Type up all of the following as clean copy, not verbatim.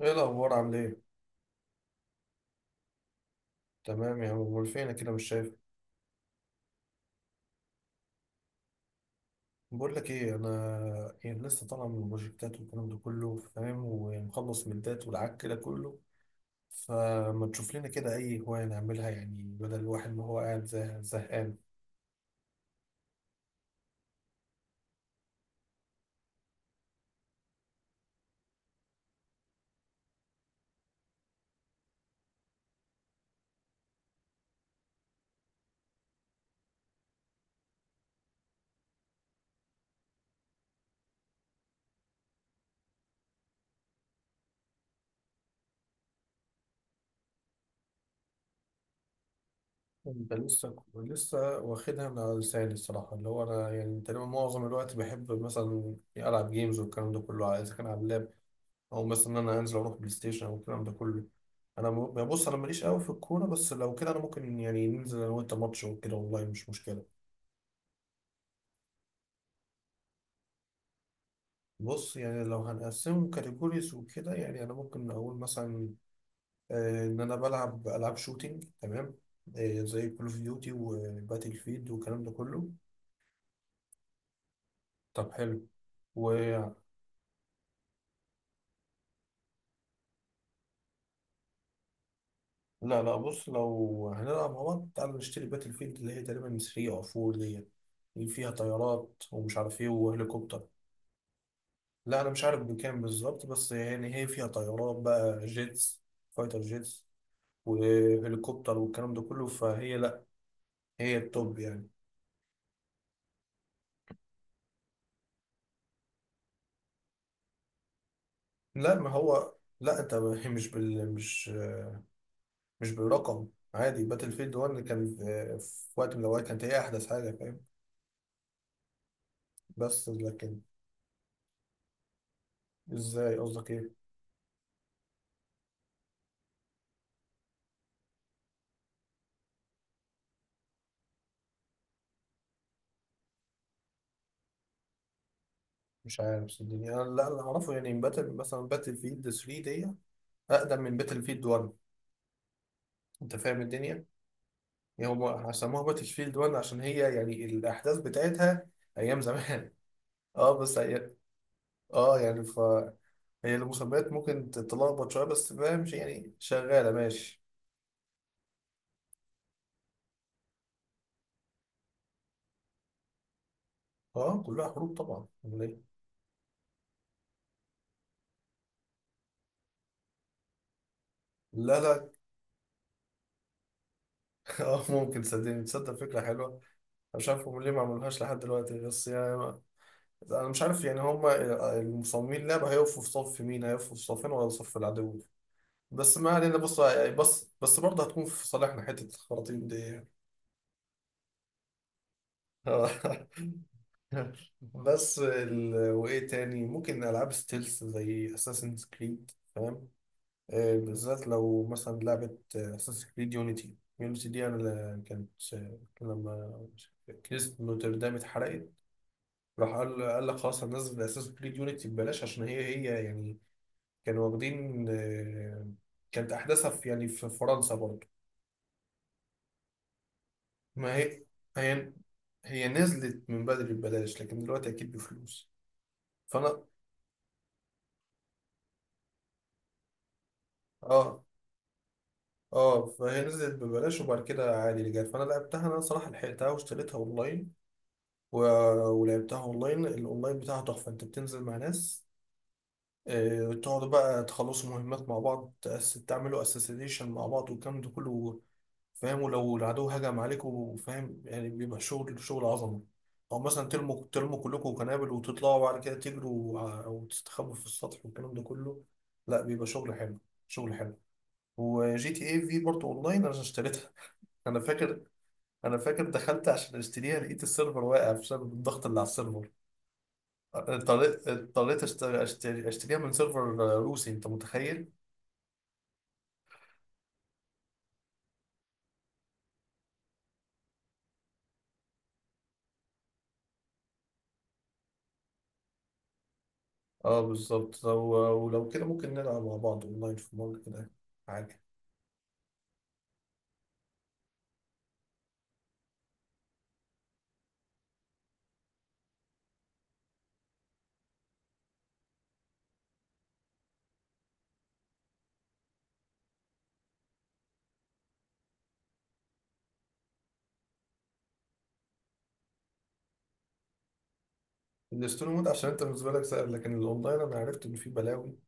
ايه الاخبار؟ عامل ايه؟ تمام يا عم، امال فينك كده مش شايف؟ بقول لك ايه، انا يعني لسه طالع من البروجكتات والكلام ده كله، فاهم، ومخلص من الدات والعك كده كله، فما تشوف لنا كده اي هوايه نعملها يعني، بدل الواحد ما هو قاعد زهقان. انت لسه واخدها من على لساني الصراحه، اللي هو انا يعني تقريبا معظم الوقت بحب مثلا العب جيمز والكلام ده كله اذا كان على اللاب، او مثلا ان انا هنزل اروح بلاي ستيشن او الكلام ده كله. يعني بص، انا ماليش قوي في الكوره، بس لو كده انا ممكن يعني ننزل انا وانت ماتش وكده، والله مش مشكله. بص يعني لو هنقسمه كاتيجوريز وكده يعني انا ممكن اقول مثلا ان انا بلعب العاب شوتينج، تمام، زي كول اوف ديوتي وباتل فيلد والكلام ده كله. طب حلو. و لا لا، بص، لو هنلعب مع بعض تعالى نشتري باتل فيلد اللي هي تقريبا 3 او 4 دي، اللي فيها طيارات ومش عارف ايه وهليكوبتر. لا انا مش عارف بكام بالظبط، بس يعني هي فيها طيارات بقى جيتس، فايتر جيتس، وهليكوبتر والكلام ده كله، فهي لا، هي التوب يعني. لا ما هو، لا انت هي مش بال مش مش بالرقم. عادي باتل فيلد 1 اللي كان في وقت من الاوقات كانت هي احدث حاجه، فاهم؟ بس لكن ازاي؟ قصدك ايه؟ مش عارف صدقني انا، لا اللي اعرفه يعني باتل فيلد 3 دي اقدم من باتل فيلد 1، انت فاهم الدنيا. هم سموها باتشفيلد 1 عشان هي يعني الأحداث بتاعتها أيام زمان. اه بس هي اه يعني ف هي المسميات ممكن تتلخبط شوية، بس فاهم، يعني شغالة ماشي. اه كلها حروب طبعا، أمال إيه؟ لا لا. اه ممكن، صدقني، تصدق فكرة حلوة أنا. مش عارف هم ليه ما عملوهاش لحد دلوقتي، بس يعني أنا مش عارف يعني هم المصممين اللعبة هيقفوا في صف مين، هيقفوا في صفين ولا صف العدو. بس ما علينا، بص. بص بس برضه هتكون في صالحنا حتة الخراطيم دي. آه. وايه تاني؟ ممكن العاب ستيلز زي اساسن كريد، فاهم؟ بالذات لو مثلا لعبه اساسن كريد يونيتي، يونيتي دي انا ل- كانت آه، لما كنيسة نوتردام اتحرقت راح قال لك خلاص هننزل اساسن كريد يونيتي ببلاش، عشان هي يعني كانوا واخدين، كانت احداثها في يعني في فرنسا برضه. ما هي، هي نزلت من بدري ببلاش لكن دلوقتي اكيد بفلوس. فانا اه اه فهي نزلت ببلاش وبعد كده عادي اللي جت، فانا لعبتها، انا صراحه لحقتها واشتريتها و... ولعبتها اونلاين. الاونلاين بتاعها تحفه، انت بتنزل مع ناس، تقعدوا بقى تخلصوا مهمات مع بعض، تعملوا اساسيشن مع بعض والكلام ده كله، فاهم، ولو العدو هجم عليكم، وفاهم يعني بيبقى شغل عظمه. او مثلا ترموا كلكم قنابل وتطلعوا بعد كده او تستخبوا في السطح والكلام ده كله. لا بيبقى شغل حلو، شغل حلو. وجي تي اي في برضه اونلاين انا اشتريتها. انا فاكر، انا فاكر دخلت عشان اشتريها، لقيت السيرفر واقع بسبب الضغط اللي على السيرفر. اضطريت اشتريها من سيرفر روسي، انت متخيل؟ اه بالظبط، ولو كده ممكن نلعب مع بعض اونلاين في مره كده حاجه. الستوري مود عشان انت بالنسبه لك سهل، لكن الاونلاين انا عرفت ان فيه بلاوي،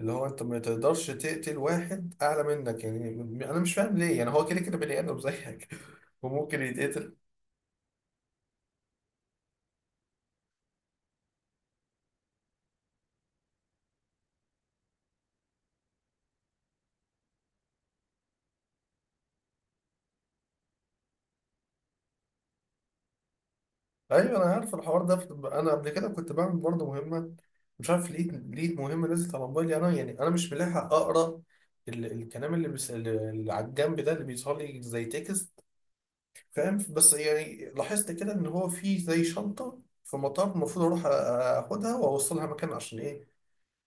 اللي هو انت ما تقدرش تقتل واحد اعلى منك، يعني انا مش فاهم ليه، يعني هو كده كده بني ادم زيك وممكن يتقتل. ايوه انا عارف الحوار ده، انا قبل كده كنت بعمل برضه مهمه مش عارف ليه، مهمه نزلت على موبايلي، انا يعني انا مش ملاحق اقرا الكلام اللي، بس اللي على الجنب ده اللي بيظهر لي زي تكست، فاهم، بس يعني لاحظت كده ان هو في زي شنطه في مطار، المفروض اروح اخدها واوصلها مكان، عشان ايه؟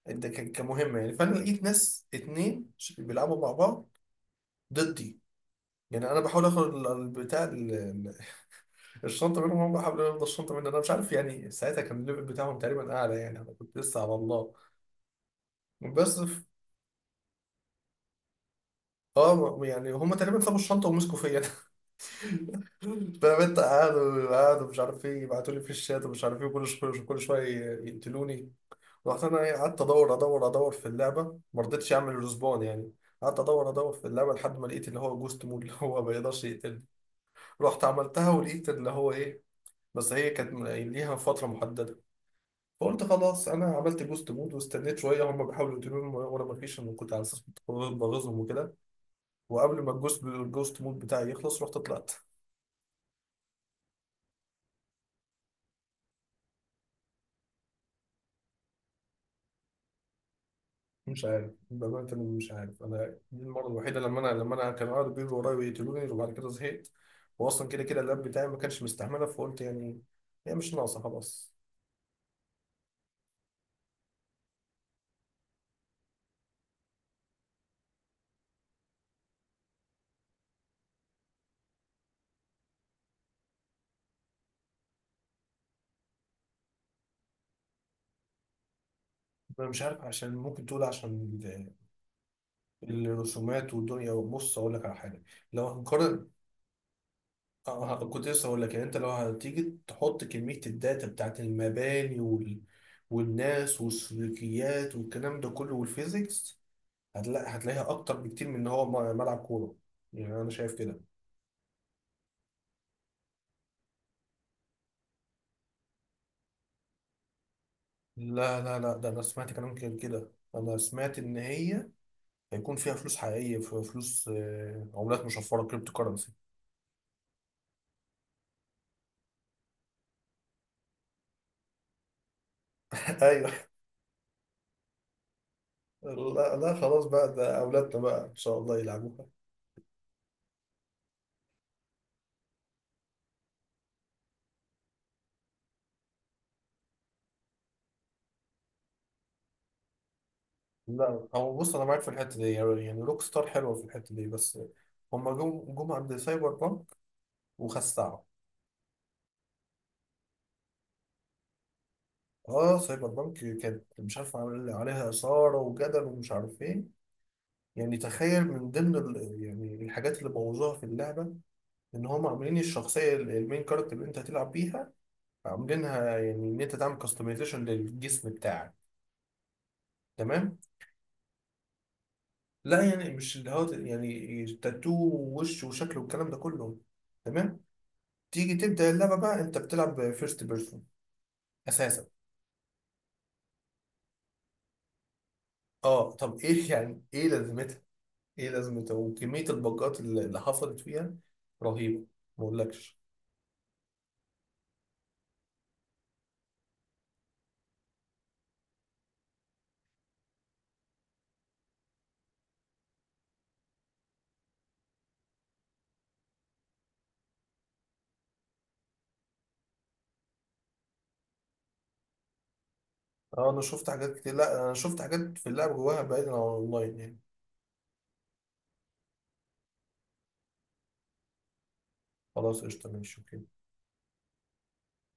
ده كمهمه يعني، فانا لقيت ناس اتنين بيلعبوا مع بعض ضدي، يعني انا بحاول اخد البتاع الشنطه منهم، هم حاولوا ياخدوا الشنطه مني، انا مش عارف يعني ساعتها كان الليفل بتاعهم تقريبا اعلى، يعني انا كنت لسه على الله. بس ف- اه يعني هم تقريبا سابوا الشنطه ومسكوا فيا، انا فاهم انت، قعدوا مش عارف ايه يبعتوا لي في الشات ومش عارف ايه، كل شويه كل شويه يقتلوني. رحت انا قعدت ادور ادور ادور في اللعبه، ما رضيتش اعمل ريسبون يعني، قعدت ادور ادور في اللعبه لحد ما لقيت اللي هو جوست مود، اللي هو ما يقدرش يقتلني، رحت عملتها ولقيت اللي هو ايه، بس هي كانت ليها فتره محدده، فقلت خلاص انا عملت جوست مود واستنيت شويه، هم بيحاولوا يقتلوني وانا ما فيش، انا كنت على اساس كنت بغيظهم وكده، وقبل ما الجوست مود بتاعي يخلص رحت طلعت. مش عارف بأمانة، أنا مش عارف، أنا دي المرة الوحيدة لما أنا كانوا قاعدوا بيجروا ورايا ويقتلوني وبعد كده زهقت، وأصلا كده كده اللاب بتاعي ما كانش مستحمله، فقلت يعني هي مش ناقصة خلاص. أنا مش عارف عشان ممكن تقول عشان الرسومات والدنيا، بص أقول لك على حاجة، لو هنقارن اه كنت لسه هقول لك، يعني انت لو هتيجي تحط كمية الداتا بتاعت المباني والناس والسلوكيات والكلام ده كله والفيزيكس، هتلاقيها اكتر بكتير من ان هو ملعب كورة. يعني انا شايف كده. لا لا لا ده انا سمعت كلام كده كده، انا سمعت ان هي هيكون فيها فلوس حقيقية، في فلوس عملات مشفرة كريبتو كرنسي. ايوه. لا لا خلاص بقى، ده اولادنا بقى ان شاء الله يلعبوا. لا هو بص انا معاك في الحته دي، يعني روك ستار حلوه في الحته دي، بس هما جم عند سايبر بانك وخسعوا. اه سايبر بانك كانت مش عارف عامل عليها اثاره وجدل ومش عارف ايه، يعني تخيل من ضمن يعني الحاجات اللي بوظوها في اللعبه ان هما عاملين الشخصيه المين كاركتر اللي انت هتلعب بيها، عاملينها يعني ان انت تعمل كاستمايزيشن للجسم بتاعك، تمام. لا يعني مش اللي هو يعني تاتو ووش وشكل والكلام ده كله، تمام. تيجي تبدأ اللعبة بقى انت بتلعب فيرست بيرسون اساسا. اه طب ايه؟ يعني ايه لازمتها، ايه لازمتها، وكمية الباجات اللي حصلت فيها رهيبة، ما اقولكش. اه انا شفت حاجات كتير، لا انا شفت حاجات في اللعبة جواها بعيدا عن الاونلاين يعني. خلاص قشطة ماشي اوكي